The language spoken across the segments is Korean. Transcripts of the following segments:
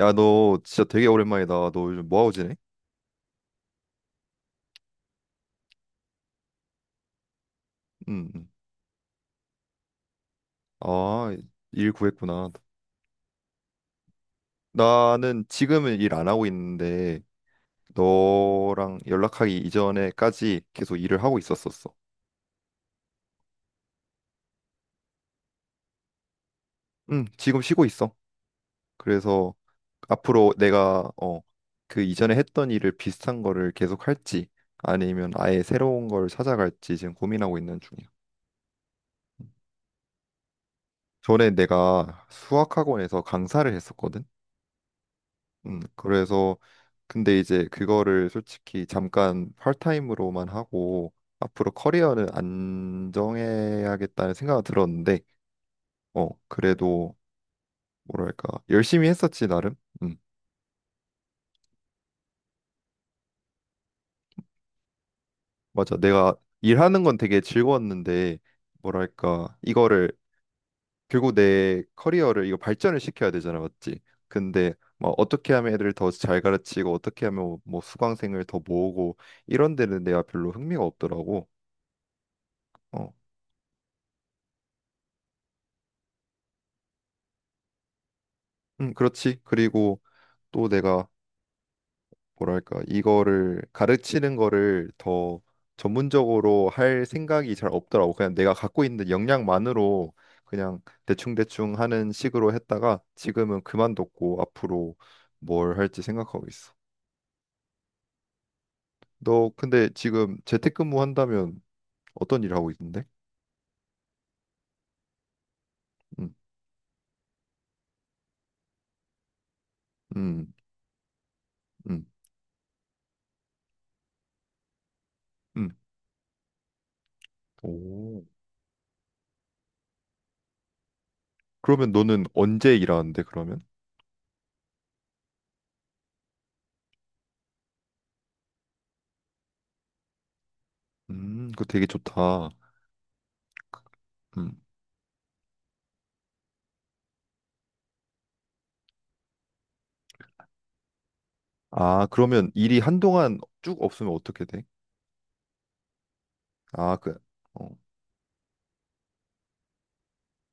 야, 너 진짜 되게 오랜만이다. 너 요즘 뭐하고 지내? 응. 응. 아, 일 구했구나. 나는 지금은 일 안 하고 있는데 너랑 연락하기 이전에까지 계속 일을 하고 있었었어. 응 지금 쉬고 있어. 그래서 앞으로 내가 그 이전에 했던 일을 비슷한 거를 계속 할지 아니면 아예 새로운 걸 찾아갈지 지금 고민하고 있는 중이야. 전에 내가 수학학원에서 강사를 했었거든. 그래서 근데 이제 그거를 솔직히 잠깐 파트타임으로만 하고 앞으로 커리어는 안정해야겠다는 생각은 들었는데 그래도 뭐랄까 열심히 했었지 나름. 음. 맞아, 내가 일하는 건 되게 즐거웠는데 뭐랄까 이거를 결국 내 커리어를 이거 발전을 시켜야 되잖아, 맞지? 근데 뭐 어떻게 하면 애들을 더 잘 가르치고 어떻게 하면 뭐 수강생을 더 모으고 이런 데는 내가 별로 흥미가 없더라고. 어. 그렇지. 그리고 또 내가 뭐랄까 이거를 가르치는 거를 더 전문적으로 할 생각이 잘 없더라고. 그냥 내가 갖고 있는 역량만으로 그냥 대충대충 하는 식으로 했다가 지금은 그만뒀고 앞으로 뭘 할지 생각하고 있어. 너 근데 지금 재택근무 한다면 어떤 일 하고 있는데? 음, 음, 음, 음. 오. 그러면 너는 언제 일하는데 그러면? 그거 되게 좋다. 음. 아, 그러면 일이 한동안 쭉 없으면 어떻게 돼? 아, 어,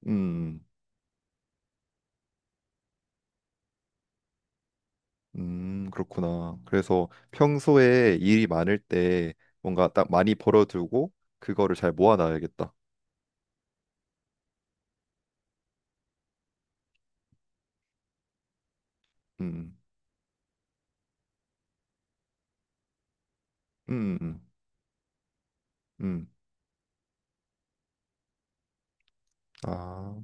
음, 그렇구나. 그래서 평소에 일이 많을 때 뭔가 딱 많이 벌어두고 그거를 잘 모아놔야겠다. 음, 음, 음, 음. 아,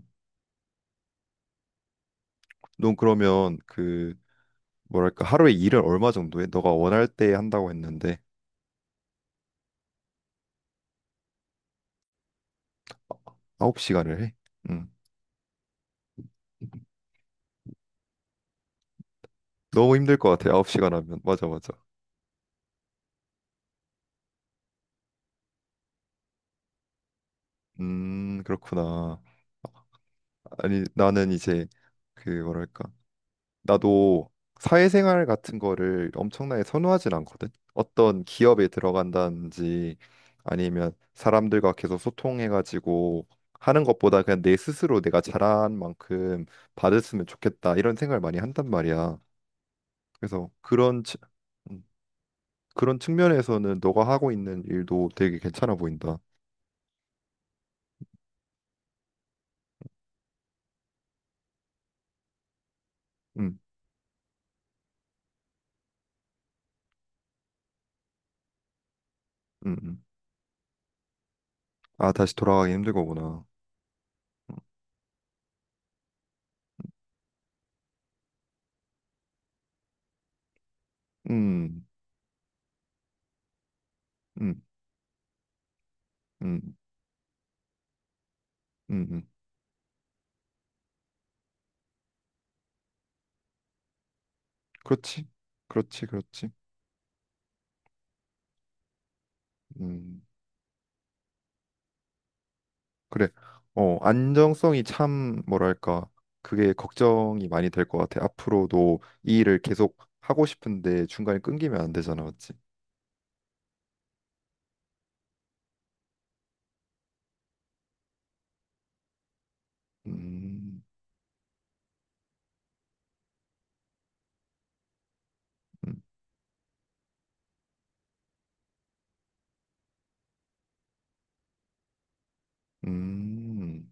넌 그러면 뭐랄까, 하루에 일을 얼마 정도 해? 너가 원할 때 한다고 했는데, 아홉 시간을 해? 음. 너무 힘들 것 같아, 아홉 시간 하면. 맞아, 맞아. 그렇구나. 아니, 나는 이제 뭐랄까? 나도 사회생활 같은 거를 엄청나게 선호하진 않거든. 어떤 기업에 들어간다든지 아니면 사람들과 계속 소통해가지고 하는 것보다 그냥 내 스스로 내가 잘한 만큼 받았으면 좋겠다 이런 생각을 많이 한단 말이야. 그래서 음, 그런 측면에서는 너가 하고 있는 일도 되게 괜찮아 보인다. 음, 음, 음. 아, 다시 돌아가기 힘들 거구나. 음, 음, 음, 음, 음. 그렇지, 그렇지, 그렇지. 음. 그래. 안정성이 참 뭐랄까 그게 걱정이 많이 될 것 같아. 앞으로도 이 일을 계속 하고 싶은데 중간에 끊기면 안 되잖아, 맞지? 음, 음, 음.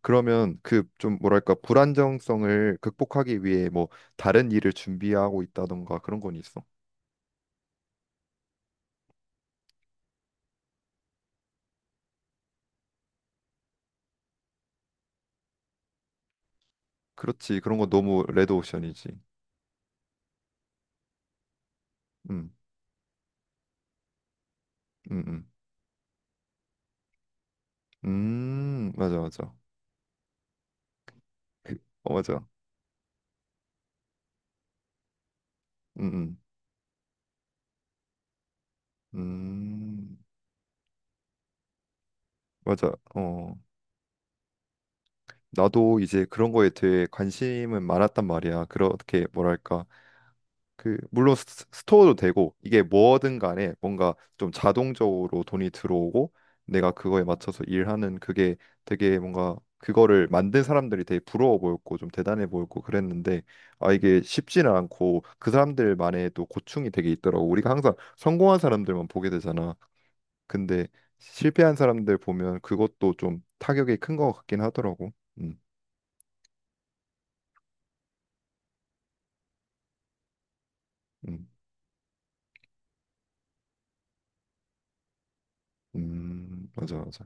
그러면 좀 뭐랄까 불안정성을 극복하기 위해 뭐 다른 일을 준비하고 있다던가 그런 건 있어? 그렇지, 그런 건 너무 레드오션이지. 음, 음, 음, 맞아, 맞아. 그- 맞아. 음, 음, 음, 맞아. 나도 이제 그런 거에 대해 관심은 많았단 말이야. 그렇게 뭐랄까. 그 물론 스토어도 되고 이게 뭐든 간에 뭔가 좀 자동적으로 돈이 들어오고 내가 그거에 맞춰서 일하는 그게 되게 뭔가 그거를 만든 사람들이 되게 부러워 보였고 좀 대단해 보였고 그랬는데, 아, 이게 쉽지는 않고 그 사람들만의 또 고충이 되게 있더라고. 우리가 항상 성공한 사람들만 보게 되잖아. 근데 실패한 사람들 보면 그것도 좀 타격이 큰 것 같긴 하더라고. 음, 음. 맞아, 맞아.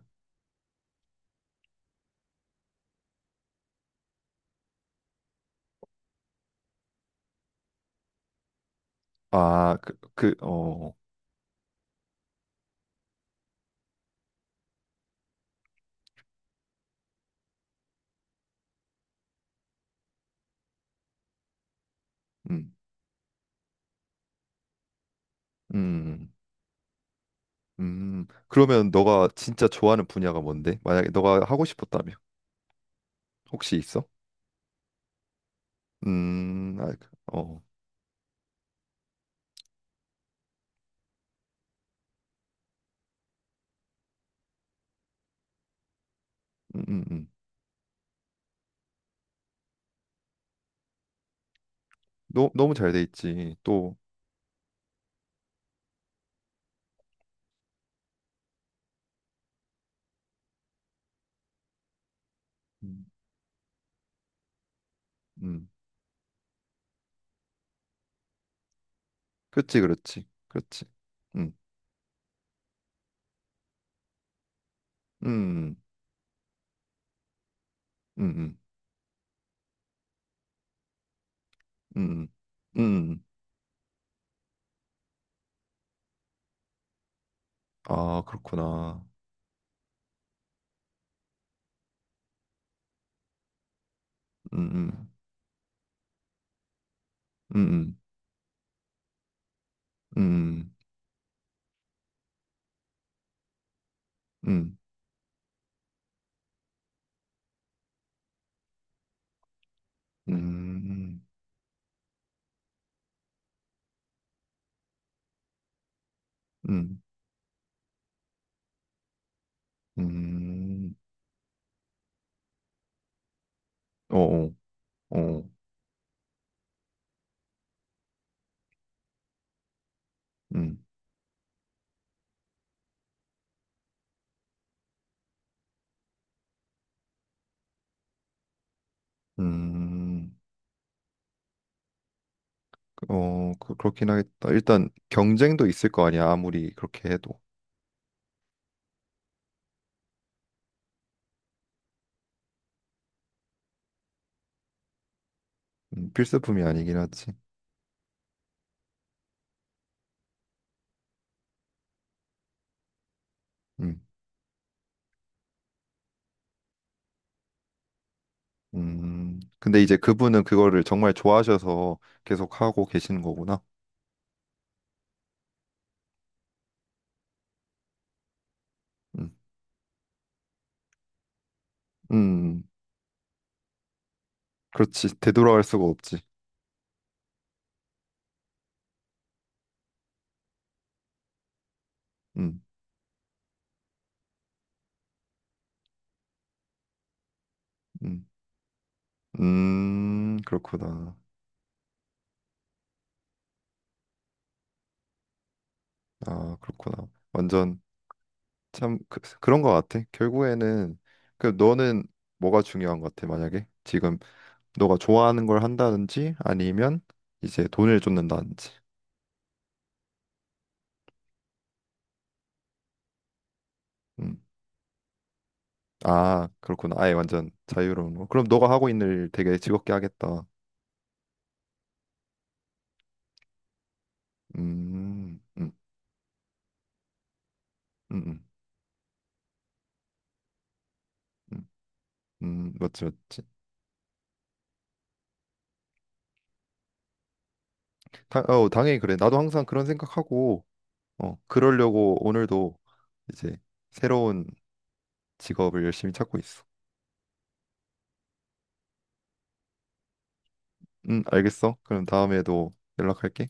아, 음, 음, 그러면 너가 진짜 좋아하는 분야가 뭔데? 만약에 너가 하고 싶었다면 혹시 있어? 아, 음, 음, 음. 너무 잘 돼 있지. 또, 음, 음, 그렇지, 그렇지, 그렇지. 음, 음, 음, 음, 음, 음. 아, 그렇구나. 음, 음, 음, 음, 음, 음, 음, 음, 음. 어, 어. 어. 음, 음, 그렇긴 하겠다. 일단 경쟁도 있을 거 아니야, 아무리 그렇게 해도. 필수품이 아니긴 하지. 음, 근데 이제 그분은 그거를 정말 좋아하셔서 계속 하고 계시는 거구나. 음, 음, 그렇지. 되돌아갈 수가 없지. 음, 음, 그렇구나. 아, 그렇구나. 완전 참 그, 런거 같아. 결국에는 너는 뭐가 중요한 것 같아, 만약에 지금 너가 좋아하는 걸 한다든지 아니면 이제 돈을 쫓는다든지. 음. 아, 그렇구나. 아예 완전 자유로운 거. 그럼 너가 하고 있는 일 되게 즐겁게 하겠다. 음, 음, 음, 음, 음, 맞지, 맞지. 당연히 그래. 나도 항상 그런 생각하고, 그러려고 오늘도 이제 새로운 직업을 열심히 찾고 있어. 알겠어. 그럼 다음에도 연락할게.